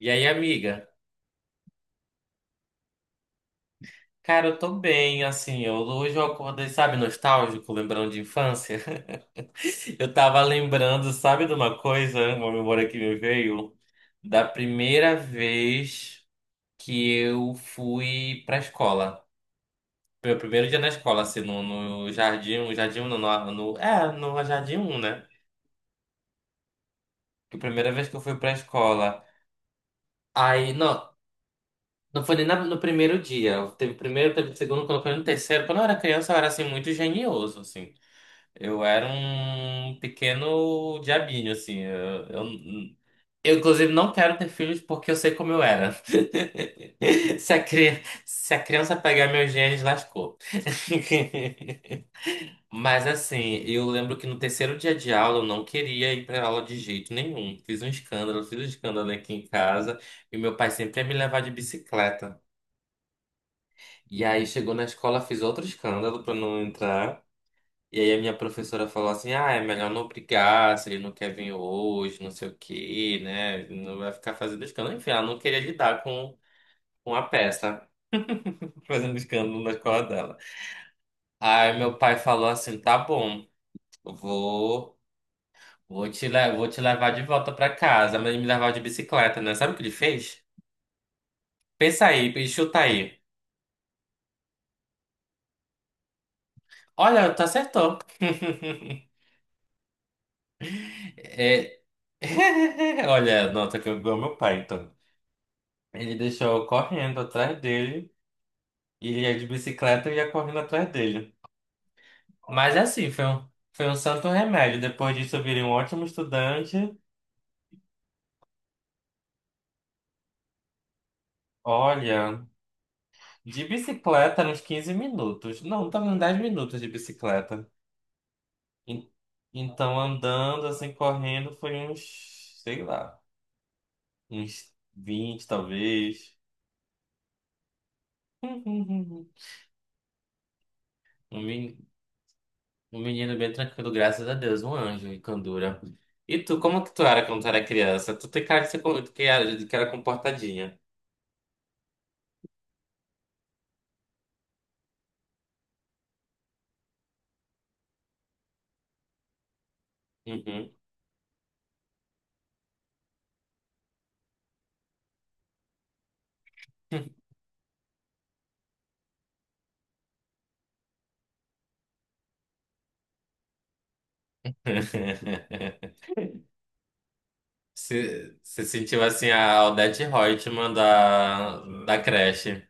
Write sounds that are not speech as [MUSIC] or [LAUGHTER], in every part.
E aí, amiga? Cara, eu tô bem, assim, hoje eu acordei, sabe, nostálgico, lembrando de infância. [LAUGHS] Eu tava lembrando, sabe, de uma coisa, uma memória que me veio, da primeira vez que eu fui pra escola. Meu primeiro dia na escola, assim, no jardim, no jardim um, né? Que a primeira vez que eu fui pra escola. Aí, não foi nem no primeiro dia. Teve primeiro, teve segundo, quando foi no terceiro. Quando eu era criança, eu era, assim, muito genioso, assim. Eu era um pequeno diabinho, assim. Eu, inclusive, não quero ter filhos porque eu sei como eu era. [LAUGHS] Se a criança pegar meus genes, lascou. [LAUGHS] Mas, assim, eu lembro que no terceiro dia de aula eu não queria ir pra aula de jeito nenhum. Fiz um escândalo aqui em casa e meu pai sempre ia me levar de bicicleta. E aí chegou na escola, fiz outro escândalo pra não entrar. E aí a minha professora falou assim, ah, é melhor não brigar, se ele não quer vir hoje, não sei o quê, né? Não vai ficar fazendo escândalo. Enfim, ela não queria lidar com a peça, [LAUGHS] fazendo escândalo na escola dela. Aí meu pai falou assim, tá bom, eu vou te levar de volta pra casa, mas ele me levar de bicicleta, né? Sabe o que ele fez? Pensa aí, e chuta aí. Olha, tu acertou. [LAUGHS] É... [LAUGHS] Olha, nota que eu amo meu pai, então. Ele deixou eu correndo atrás dele. E ia de bicicleta e ia correndo atrás dele. Mas assim, foi um santo remédio. Depois disso, eu virei um ótimo estudante. Olha, de bicicleta eram uns 15 minutos. Não, tava uns 10 minutos de bicicleta. En- Então, andando, assim, correndo, foi uns, sei lá, uns 20 talvez. [LAUGHS] Um men- um menino bem tranquilo, graças a Deus, um anjo em candura. E tu, como que tu era quando tu era criança? Tu tem cara de que era comportadinha. Uhum. [LAUGHS] Se sentiu assim a Odete Reutemann da creche.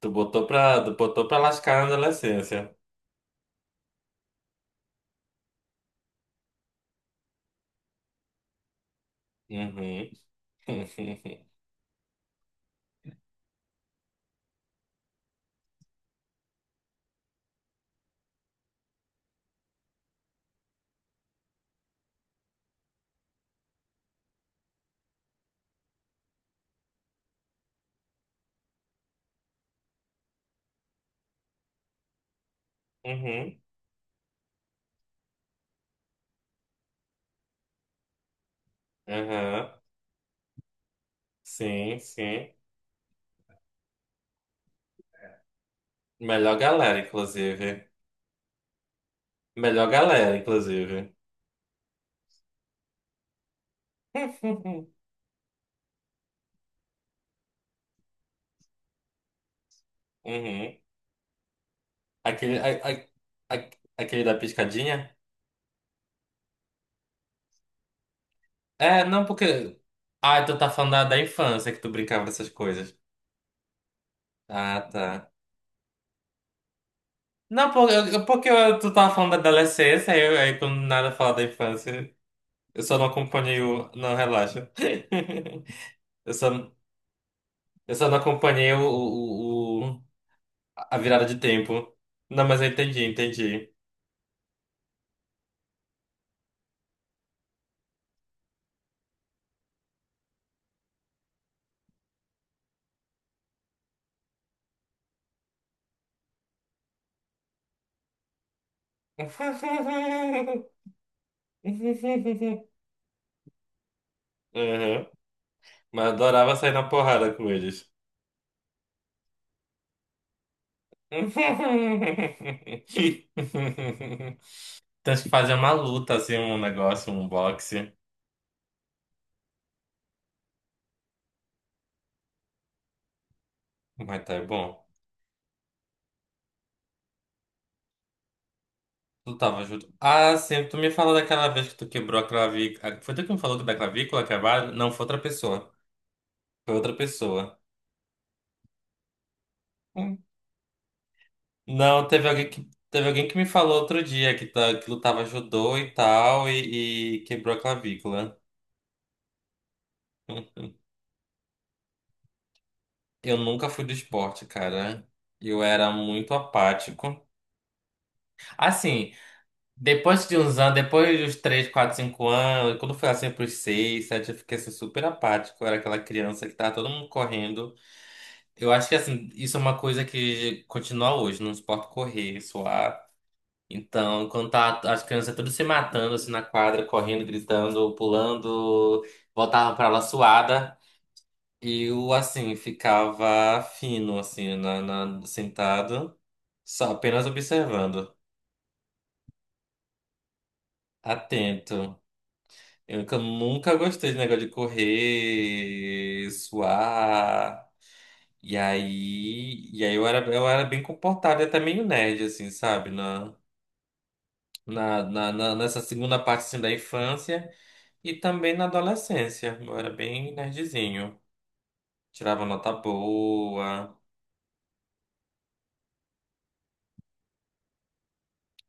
Tu botou pra lascar na adolescência. Uhum. [LAUGHS] Uhum. Uhum. Sim, sim. Melhor galera, inclusive. Melhor galera, inclusive. [LAUGHS] Uhum. Aquele, a- aquele da piscadinha? É, não, porque. Ah, tu tá falando da infância que tu brincava dessas coisas. Ah, tá. Não, tu tava falando da adolescência, aí quando nada fala da infância, eu só não acompanhei o. Não, relaxa. [LAUGHS] Eu só, eu só não acompanhei a virada de tempo. Não, mas eu entendi, entendi. [LAUGHS] Uhum. Mas eu adorava sair na porrada com eles. [LAUGHS] Tem que fazer uma luta, assim, um negócio, um boxe. Mas tá é bom. Tu tava junto. Ah, sim, tu me falou daquela vez que tu quebrou a clavícula. Foi tu que me falou da clavícula quebrada? Não, foi outra pessoa. Foi outra pessoa. Hum. Não, teve alguém que me falou outro dia que, tá, que lutava judô e tal e quebrou a clavícula. Hum. Eu nunca fui do esporte, cara. Eu era muito apático. Assim, depois de uns anos, depois dos 3 4 5 anos, quando foi assim pros 6 7 eu fiquei assim, super apático. Eu era aquela criança que tava todo mundo correndo. Eu acho que assim, isso é uma coisa que continua hoje, não suporta correr, suar. Então, quando tá as crianças todas se matando assim na quadra, correndo, gritando, pulando, voltavam pra aula suada, eu assim ficava fino assim sentado, só apenas observando, atento. Eu nunca nunca gostei de negócio de correr, suar. E aí eu era bem comportado e até meio nerd, assim, sabe? Nessa segunda parte, assim, da infância e também na adolescência. Eu era bem nerdzinho. Tirava nota boa.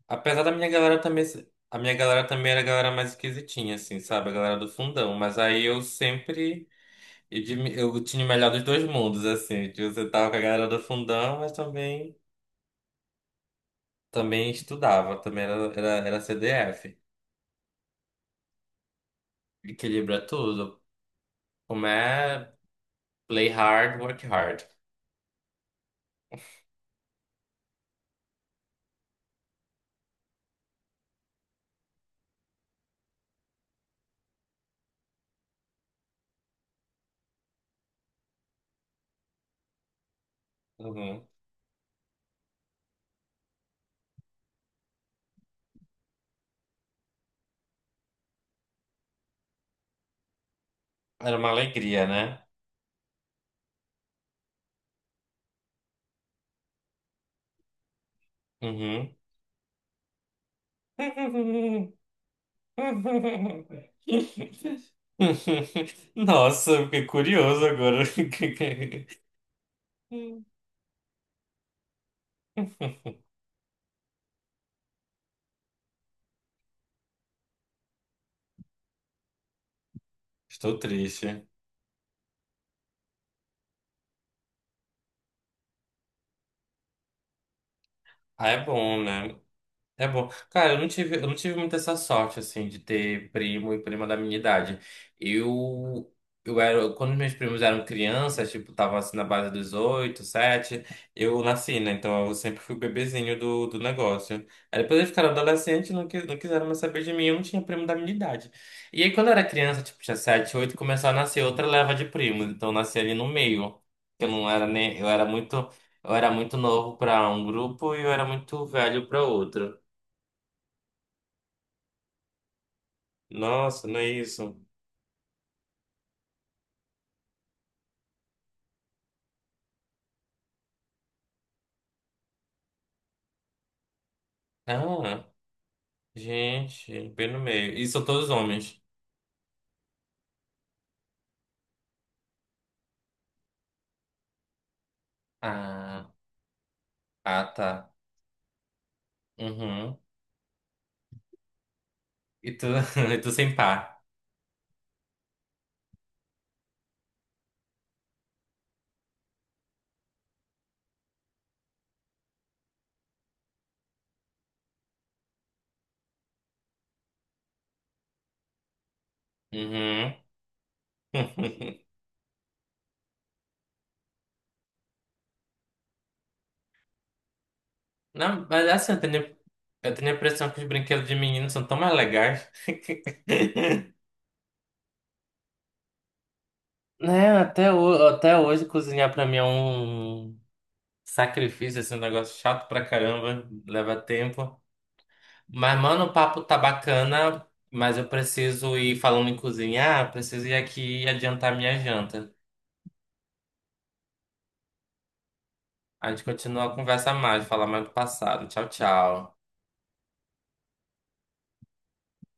Apesar da minha galera também... se- A minha galera também era a galera mais esquisitinha, assim, sabe? A galera do fundão. Mas aí eu sempre. E de, eu tinha o melhor dos dois mundos, assim. Que você tava com a galera do fundão, mas também estudava, também era CDF. Equilibra tudo. Como é play hard, work hard. Uhum. Era uma alegria, né? Uhum. [LAUGHS] Nossa, eu fiquei curioso agora. [LAUGHS] Estou triste. Ah, é bom, né? É bom. Cara, eu não tive muita essa sorte, assim, de ter primo e prima da minha idade. Eu, eu era, quando meus primos eram crianças, tipo, tava assim na base dos oito, sete, eu nasci, né? Então eu sempre fui o bebezinho do negócio. Aí depois eles ficaram adolescentes, não, não quiseram mais saber de mim, eu não tinha primo da minha idade. E aí quando eu era criança, tipo, tinha sete, oito, começou a nascer outra leva de primos. Então eu nasci ali no meio. Eu não era nem, eu era muito novo para um grupo e eu era muito velho para outro. Nossa, não é isso. Ah, gente, bem no meio. E são todos homens. Ah, ah, tá. Uhum. E tu, [LAUGHS] e tu sem par. Uhum. [LAUGHS] Não, mas é assim, eu tenho a impressão que os brinquedos de menino são tão mais legais. [LAUGHS] Né, até, até hoje cozinhar pra mim é um sacrifício, assim, um negócio chato pra caramba, leva tempo. Mas, mano, o papo tá bacana, mas eu preciso ir falando em cozinhar, preciso ir aqui e adiantar minha janta. A gente continua a conversa mais, falar mais do passado. Tchau, tchau.